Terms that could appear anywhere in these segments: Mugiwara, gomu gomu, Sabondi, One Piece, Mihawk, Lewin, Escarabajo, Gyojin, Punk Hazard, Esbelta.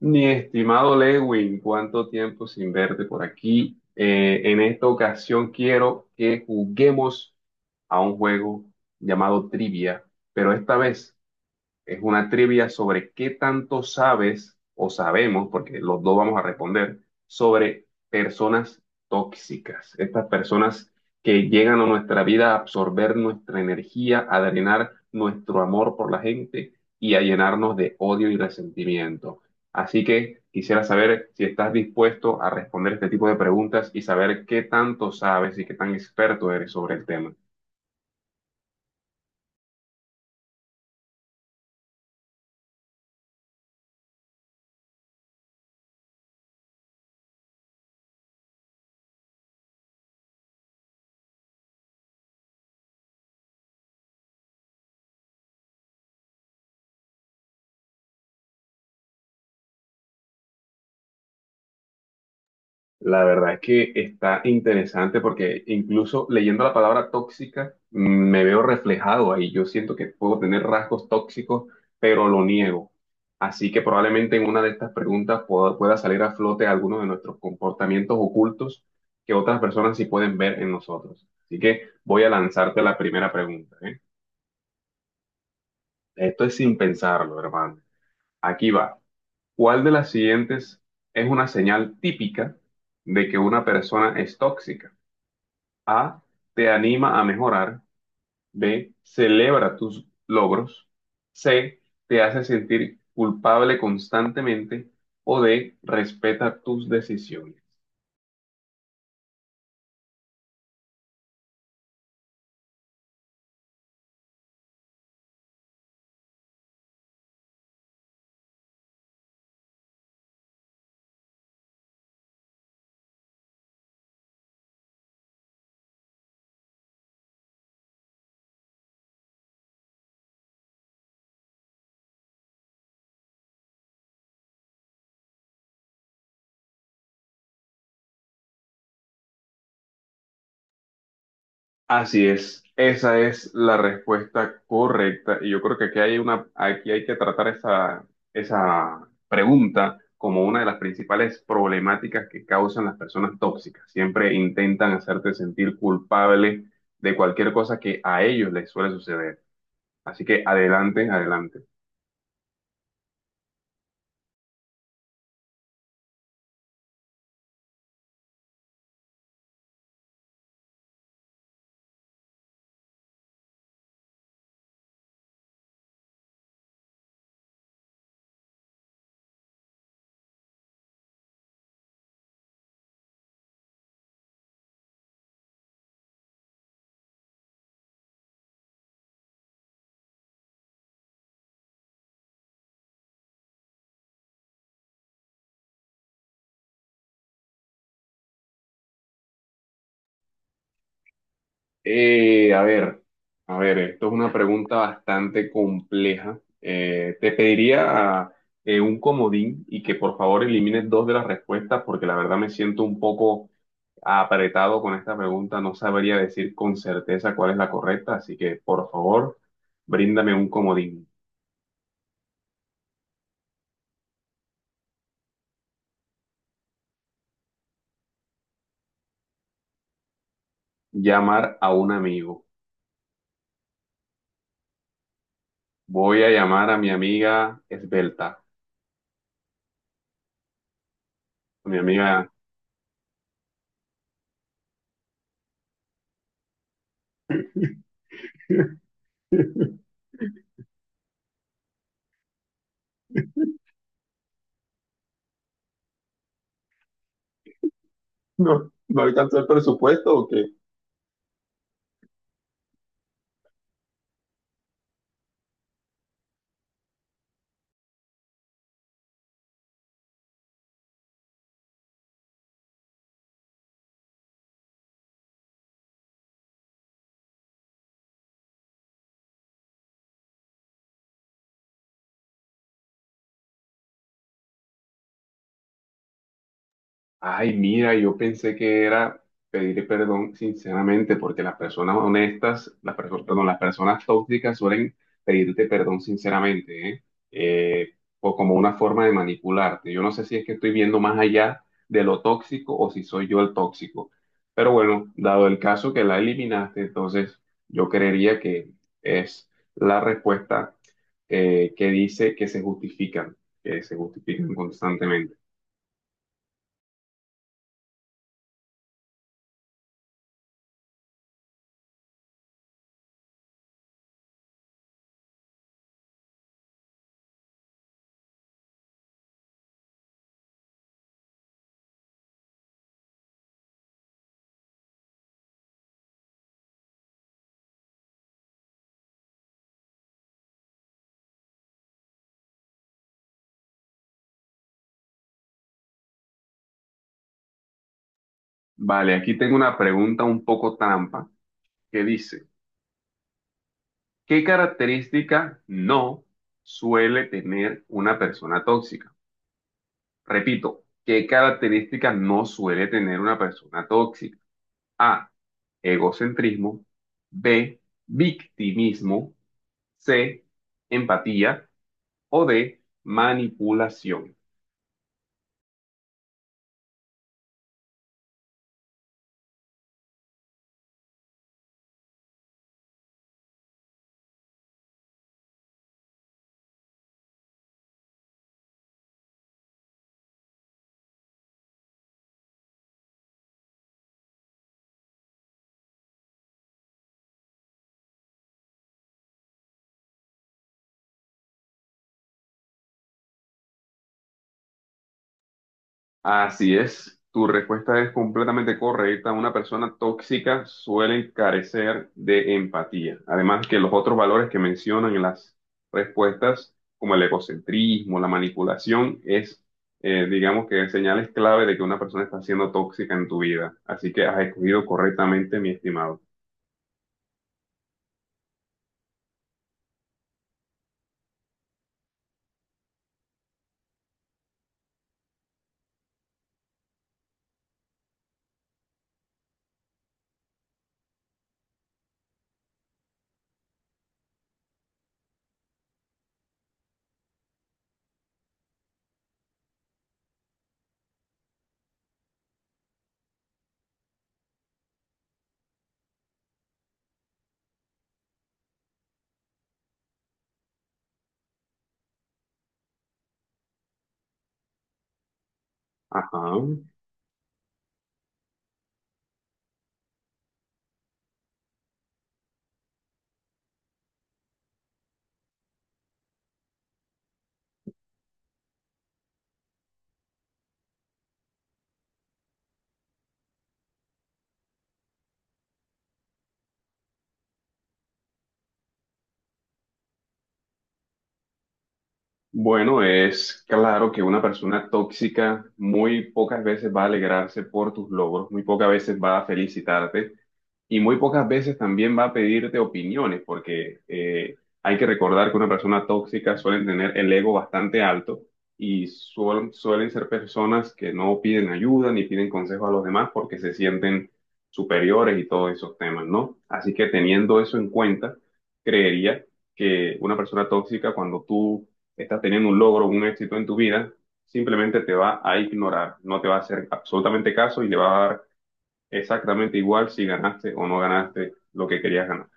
Mi estimado Lewin, cuánto tiempo sin verte por aquí. En esta ocasión quiero que juguemos a un juego llamado Trivia, pero esta vez es una trivia sobre qué tanto sabes o sabemos, porque los dos vamos a responder, sobre personas tóxicas. Estas personas que llegan a nuestra vida a absorber nuestra energía, a drenar nuestro amor por la gente y a llenarnos de odio y resentimiento. Así que quisiera saber si estás dispuesto a responder este tipo de preguntas y saber qué tanto sabes y qué tan experto eres sobre el tema. La verdad es que está interesante porque incluso leyendo la palabra tóxica, me veo reflejado ahí. Yo siento que puedo tener rasgos tóxicos, pero lo niego. Así que probablemente en una de estas preguntas pueda salir a flote algunos de nuestros comportamientos ocultos que otras personas sí pueden ver en nosotros. Así que voy a lanzarte la primera pregunta, ¿eh? Esto es sin pensarlo, hermano. Aquí va. ¿Cuál de las siguientes es una señal típica de que una persona es tóxica? A, te anima a mejorar. B, celebra tus logros. C, te hace sentir culpable constantemente. O D, respeta tus decisiones. Así es, esa es la respuesta correcta. Y yo creo que aquí hay una, aquí hay que tratar esa pregunta como una de las principales problemáticas que causan las personas tóxicas. Siempre intentan hacerte sentir culpable de cualquier cosa que a ellos les suele suceder. Así que adelante, adelante. Eh, a ver, a ver, esto es una pregunta bastante compleja. Te pediría un comodín y que por favor elimines dos de las respuestas porque la verdad me siento un poco apretado con esta pregunta. No sabría decir con certeza cuál es la correcta, así que por favor, bríndame un comodín. Llamar a un amigo. Voy a llamar a mi amiga Esbelta, a mi amiga... ¿No, no alcanzó el presupuesto o qué? Ay, mira, yo pensé que era pedir perdón sinceramente, porque las personas honestas, las personas, perdón, las personas tóxicas suelen pedirte perdón sinceramente, ¿eh? Eh, o como una forma de manipularte. Yo no sé si es que estoy viendo más allá de lo tóxico o si soy yo el tóxico. Pero bueno, dado el caso que la eliminaste, entonces yo creería que es la respuesta que dice que se justifican constantemente. Vale, aquí tengo una pregunta un poco trampa que dice, ¿qué característica no suele tener una persona tóxica? Repito, ¿qué característica no suele tener una persona tóxica? A, egocentrismo, B, victimismo, C, empatía o D, manipulación. Así es, tu respuesta es completamente correcta. Una persona tóxica suele carecer de empatía. Además que los otros valores que mencionan en las respuestas, como el egocentrismo, la manipulación, es, digamos que señales clave de que una persona está siendo tóxica en tu vida. Así que has escogido correctamente, mi estimado. Ajá. Bueno, es claro que una persona tóxica muy pocas veces va a alegrarse por tus logros, muy pocas veces va a felicitarte. Y muy pocas veces también va a pedirte opiniones, porque hay que recordar que una persona tóxica suelen tener el ego bastante alto y suelen ser personas que no piden ayuda ni piden consejo a los demás porque se sienten superiores y todos esos temas, ¿no? Así que teniendo eso en cuenta, creería que una persona tóxica, cuando tú estás teniendo un logro, un éxito en tu vida, simplemente te va a ignorar, no te va a hacer absolutamente caso y le va a dar exactamente igual si ganaste o no ganaste lo que querías ganar.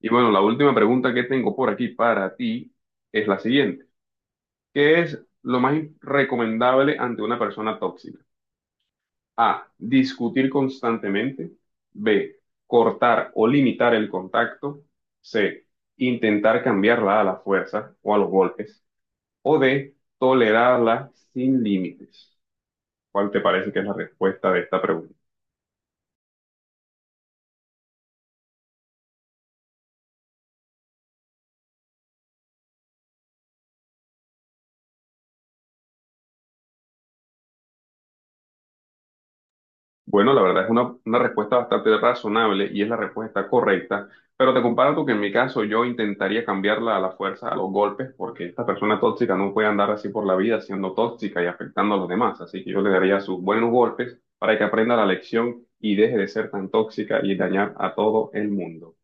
Y bueno, la última pregunta que tengo por aquí para ti es la siguiente. ¿Qué es lo más recomendable ante una persona tóxica? A, discutir constantemente. B, cortar o limitar el contacto. C, intentar cambiarla a la fuerza o a los golpes. O D, tolerarla sin límites. ¿Cuál te parece que es la respuesta de esta pregunta? Bueno, la verdad es una respuesta bastante razonable y es la respuesta correcta, pero te comparto que en mi caso yo intentaría cambiarla a la fuerza, a los golpes, porque esta persona tóxica no puede andar así por la vida siendo tóxica y afectando a los demás, así que yo le daría sus buenos golpes para que aprenda la lección y deje de ser tan tóxica y dañar a todo el mundo.